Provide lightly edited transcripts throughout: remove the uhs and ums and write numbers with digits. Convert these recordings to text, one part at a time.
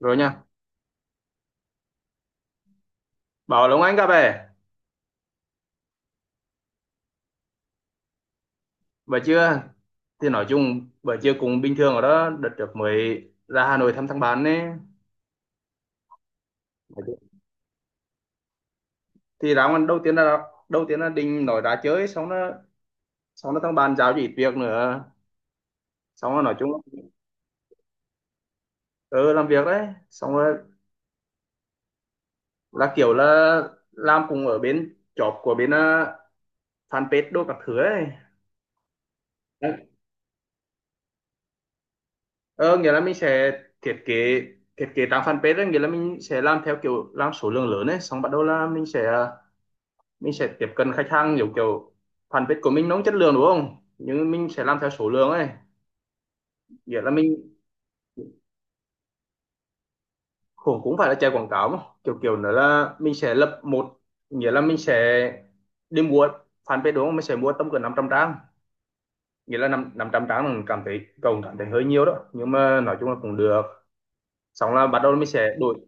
Rồi nha, bảo Long Anh gặp về bữa trưa. Thì nói chung bữa trưa cũng bình thường ở đó. Đợt trước mới ra Hà Nội thăm thằng bạn ấy thì ra ngoài. Đầu tiên là định nói ra chơi, xong nó thằng bạn giao cho ít việc nữa, xong rồi nói chung là ừ, làm việc đấy. Xong rồi là kiểu làm cùng ở bên job của bên fanpage đồ các thứ ấy. Ờ, nghĩa là mình sẽ thiết kế, thiết kế trang fanpage ấy. Nghĩa là mình sẽ làm theo kiểu làm số lượng lớn ấy, xong bắt đầu là mình sẽ tiếp cận khách hàng, kiểu kiểu fanpage của mình nó không chất lượng đúng không, nhưng mình sẽ làm theo số lượng ấy. Nghĩa là mình cũng cũng phải là chạy quảng cáo mà, kiểu kiểu nữa là mình sẽ lập một, nghĩa là mình sẽ đi mua fanpage đúng không, mình sẽ mua tầm cỡ 500 trang. Nghĩa là năm 500 trang, mình cảm thấy cậu cảm thấy hơi nhiều đó, nhưng mà nói chung là cũng được. Xong là bắt đầu mình sẽ đổi,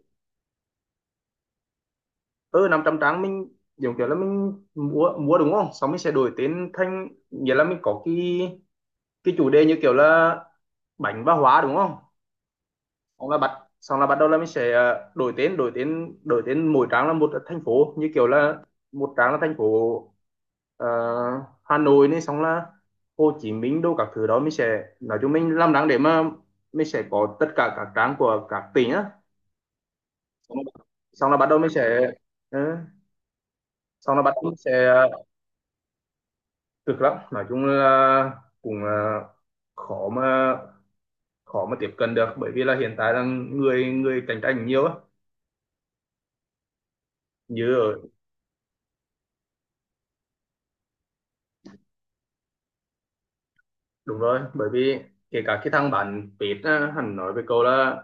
ừ, 500 trang mình giống kiểu là mình mua mua đúng không, xong mình sẽ đổi tên thành, nghĩa là mình có cái chủ đề như kiểu là bánh và hóa đúng không. Xong là bắt xong là bắt đầu là mình sẽ đổi tên, đổi tên mỗi trang là một thành phố, như kiểu là một trang là thành phố ờ, Hà Nội này, xong là Hồ Chí Minh đâu các thứ đó. Mình sẽ nói chung mình làm đáng để mà mình sẽ có tất cả các trang của các tỉnh á. Xong là, xong là bắt đầu mình sẽ ừ, xong là bắt đầu mình sẽ ờ, cực lắm. Nói chung là cũng ờ, khó mà khó mà tiếp cận được, bởi vì là hiện tại là người người cạnh tranh nhiều á, như ở. Đúng rồi, bởi vì kể cả cái thằng bạn Pete á, hắn nói với cậu là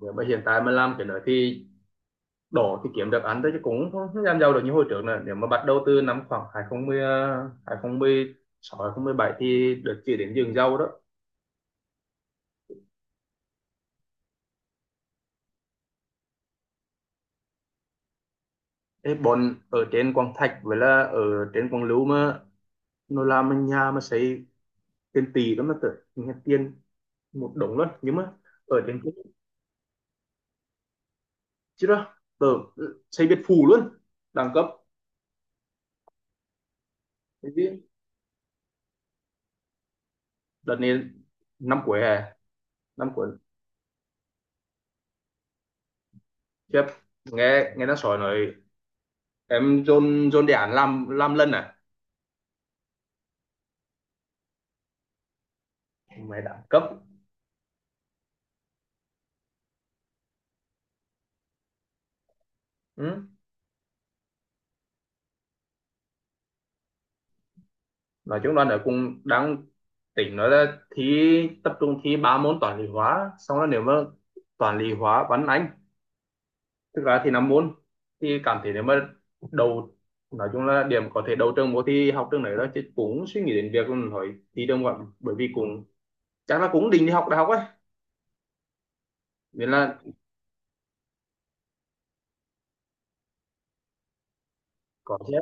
nếu mà hiện tại mà làm cái nữa thì đổ, thì kiếm được ăn thôi chứ cũng không không làm giàu được như hồi trước nữa. Nếu mà bắt đầu từ năm khoảng 2010, 2016 bảy thì được chỉ đến vườn rau đó. Ê, bọn ở trên Quảng Thạch với là ở trên Quảng Lưu mà nó làm bên nhà mà xây tiền tỷ đó mà, tưởng nghe tiền một đống luôn. Nhưng mà ở trên kia, chứ đó tớ ừ, xây biệt phủ luôn, đẳng cấp. Thế chứ, đợt này năm cuối hè, năm cuốn, khiếp. Nghe nghe nó sỏi nói em dồn dồn đề án làm lần à, mày đẳng cấp. Ừ. Nói chung là nó cũng đang tỉnh nói là thi tập trung, thi ba môn toán lý hóa, xong là nếu mà toán lý hóa văn anh tức là thì năm môn. Thì cảm thấy nếu mà đầu, nói chung là điểm có thể đầu trường vô thi học trường này đó, chứ cũng suy nghĩ đến việc là hỏi thi trường ngoại. Bởi vì cũng chắc là cũng định đi học đại học ấy, nên là. Có chứ,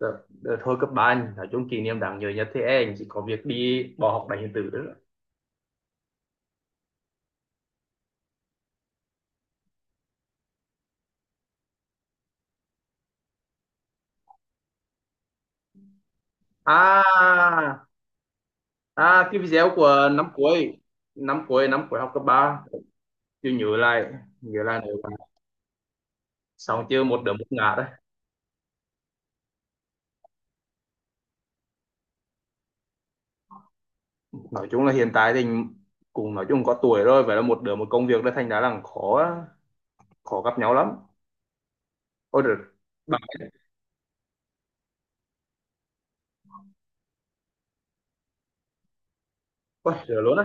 đợt, đợt hồi cấp ba anh nói chung kỷ niệm đáng nhớ nhất thì em chỉ có việc đi bỏ học đánh điện tử đó. À, à, cái video của năm cuối, năm cuối học cấp ba. Chưa, nhớ lại nữa. Xong chưa, một đứa một ngã đấy. Nói chung là hiện tại thì cùng nói chung có tuổi rồi, vậy là một đứa một công việc đấy, thành ra là khó khó gặp nhau lắm. Ôi được, bạn. Ôi được luôn á.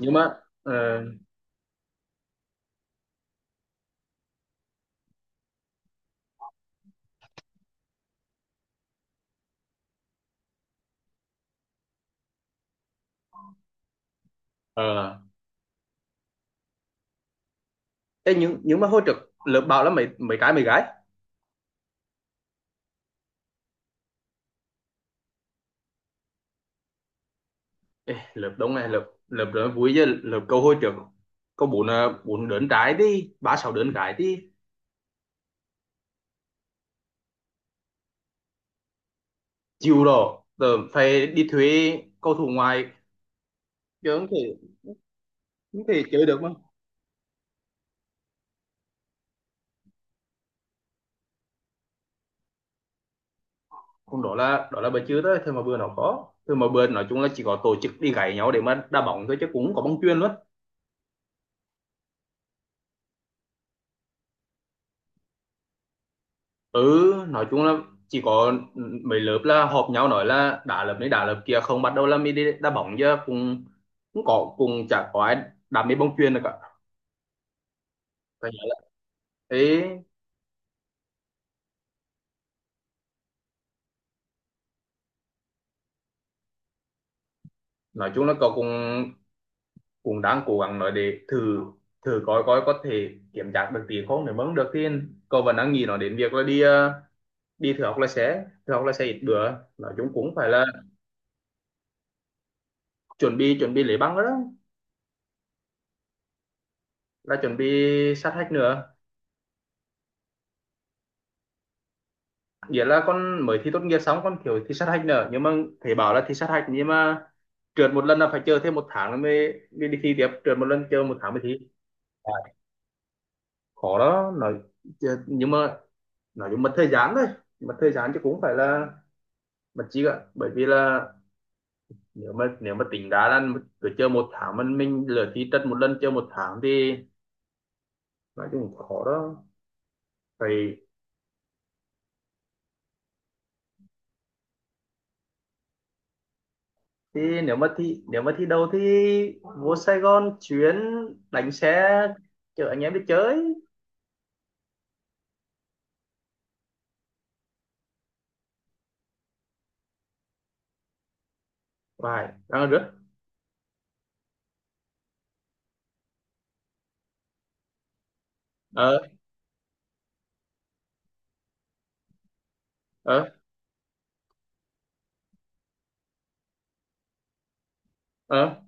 Nhưng mà ờ, ờ, ê, nhưng mà hồi trước lớp bảo là mấy mấy cái mấy gái. Ê, lượt đông này, lượt lượt đó vui chứ, lượt câu hồi trước có bốn à, bốn đớn trái đi, ba sáu đớn trái đi. Chịu rồi, giờ phải đi thuê cầu thủ ngoài, chứ không thể, không thể chơi được mà. Còn đó là, đó là bữa trước đó thôi mà, bữa nó có thôi mà. Bữa nói chung là chỉ có tổ chức đi gáy nhau để mà đá bóng thôi, chứ cũng không có bóng chuyền luôn. Ừ, nói chung là chỉ có mấy lớp là họp nhau nói là đá lớp này đá lớp kia, không bắt đầu là mới đi đá bóng, chứ cũng, cũng có cũng chả có ai đá mấy bóng chuyền được cả. Phải nhớ là, thế. Nói chung là cậu cũng, cũng đang cố gắng nói để thử, thử coi coi có thể kiểm tra được tiền không. Nếu mà không được thì cậu vẫn đang nghĩ nói đến việc là đi đi thử học lái xe, thử học lái xe ít bữa. Nói chung cũng phải là chuẩn bị lấy bằng đó đó. Là chuẩn bị sát hạch nữa. Nghĩa là con mới thi tốt nghiệp xong, con kiểu thi sát hạch nữa. Nhưng mà thầy bảo là thi sát hạch, nhưng mà trượt một lần là phải chờ thêm một tháng nữa mới, mới đi thi tiếp. Trượt một lần chờ một tháng mới thi. À, khó đó nói, chứ- nhưng mà nói chung mất thời gian thôi, mất thời gian chứ cũng phải là mất chi ạ. Bởi vì là nếu mà, nếu mà tính đá là cứ chơi một tháng, mình lựa thi tất một lần, chơi một tháng thì nói chung cũng khó đó, phải. Thì nếu mà thi, nếu mà thi đấu thì vô Sài Gòn chuyến, đánh xe chở anh em đi chơi. Vài đang rước. Ờ, ờ, ờ,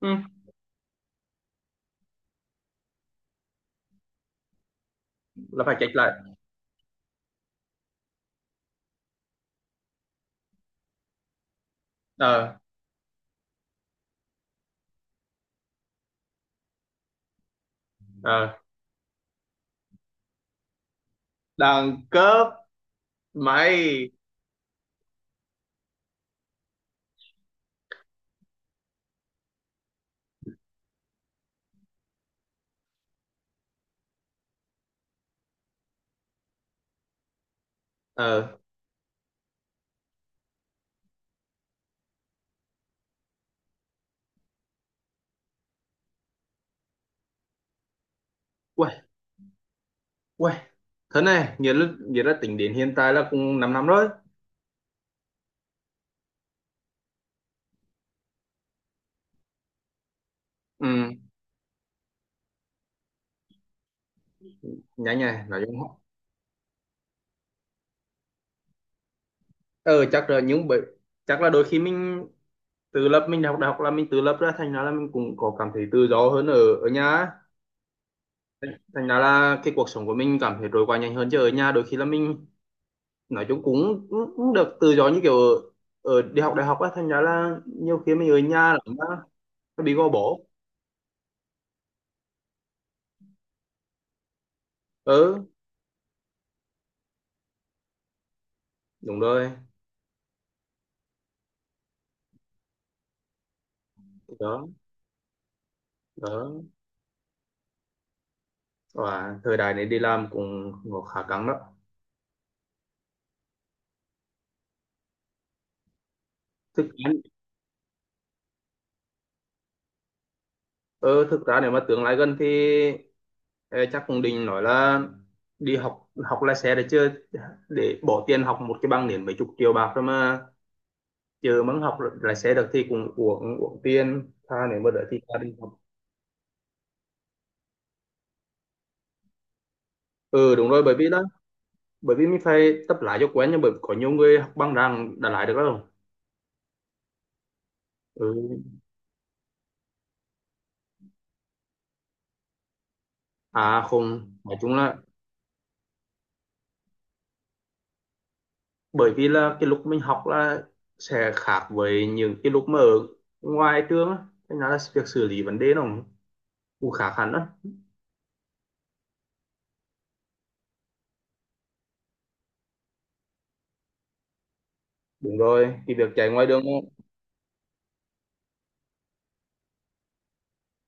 ừ, là phải chạy lại. Ờ, ờ, đẳng cấp, mày. Ờ, quay, quay thế này nghĩa là, nghĩa là tính đến hiện tại là cũng 5 năm năm rồi. Ừ, nhanh nhỉ, nói chung. Ờ, chắc là những bởi, chắc là đôi khi mình tự lập, mình học đại học là mình tự lập ra, thành ra là mình cũng có cảm thấy tự do hơn ở ở nhà á. Thành ra là cái cuộc sống của mình cảm thấy trôi qua nhanh hơn. Chứ ở nhà đôi khi là mình nói chung cũng, cũng được tự do như kiểu ở, ở đi học đại học á, thành ra là nhiều khi mình ở nhà là nó bị gò bó. Ừ, đúng rồi. Đó, đó, và thời đại này đi làm cũng, cũng khá căng đó. Thực ra ờ, thực ra nếu mà tương lai gần thì ê, chắc cũng định nói là đi học, học lái xe đấy chứ. Để bỏ tiền học một cái bằng đến mấy chục triệu bạc rồi mà chờ muốn học lái xe được thì cũng uổng uổng tiền tha, nếu mà đỡ thì ra đi học. Ừ đúng rồi, bởi vì đó, bởi vì mình phải tập lái cho quen, nhưng bởi có nhiều người học bằng rằng đã lái được rồi. Ừ, à không, nói chung là bởi vì là cái lúc mình học là sẽ khác với những cái lúc mà ở ngoài trường á, thế nên là việc xử lý vấn đề nó cũng, cũng khác hẳn đó. Đúng rồi, cái việc chạy ngoài đường,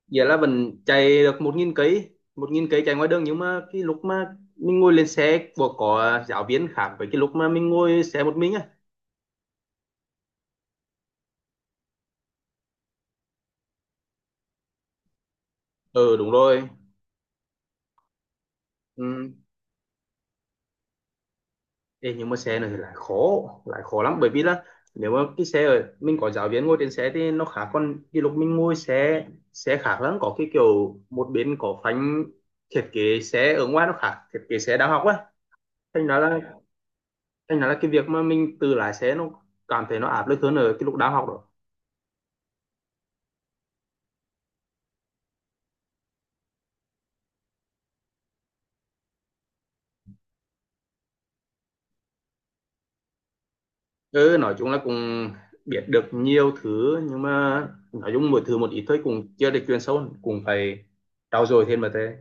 nghĩa là vẫn chạy được một nghìn cây, một nghìn cây chạy ngoài đường. Nhưng mà cái lúc mà mình ngồi lên xe của có giáo viên khác với cái lúc mà mình ngồi xe một mình á. Ừ đúng rồi. Ừ. Ê, nhưng mà xe này thì lại khó, lại khó lắm. Bởi vì là nếu mà cái xe ở mình có giáo viên ngồi trên xe thì nó khác, còn cái lúc mình ngồi xe, xe khác lắm, có cái kiểu một bên có phanh. Thiết kế xe ở ngoài nó khác thiết kế xe đang học á, thành ra là thành ra là cái việc mà mình tự lái xe nó cảm thấy nó áp lực hơn ở cái lúc đang học đó. Ừ, nói chung là cũng biết được nhiều thứ, nhưng mà nói chung mỗi thứ một ít thôi, cũng chưa được chuyên sâu, cũng phải trau dồi thêm mà thế.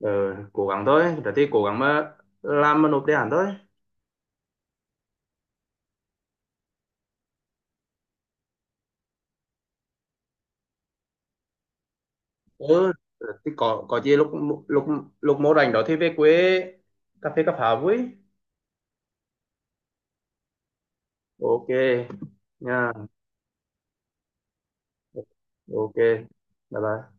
Ờ, cố gắng thôi, rồi thì cố gắng mà làm mà nộp đề án thôi. Ừ, rồi thì có gì lúc lúc lúc mô rảnh đó thì về quê cà phê cà pháo với. Ok. Nha. Ok. Bye bye.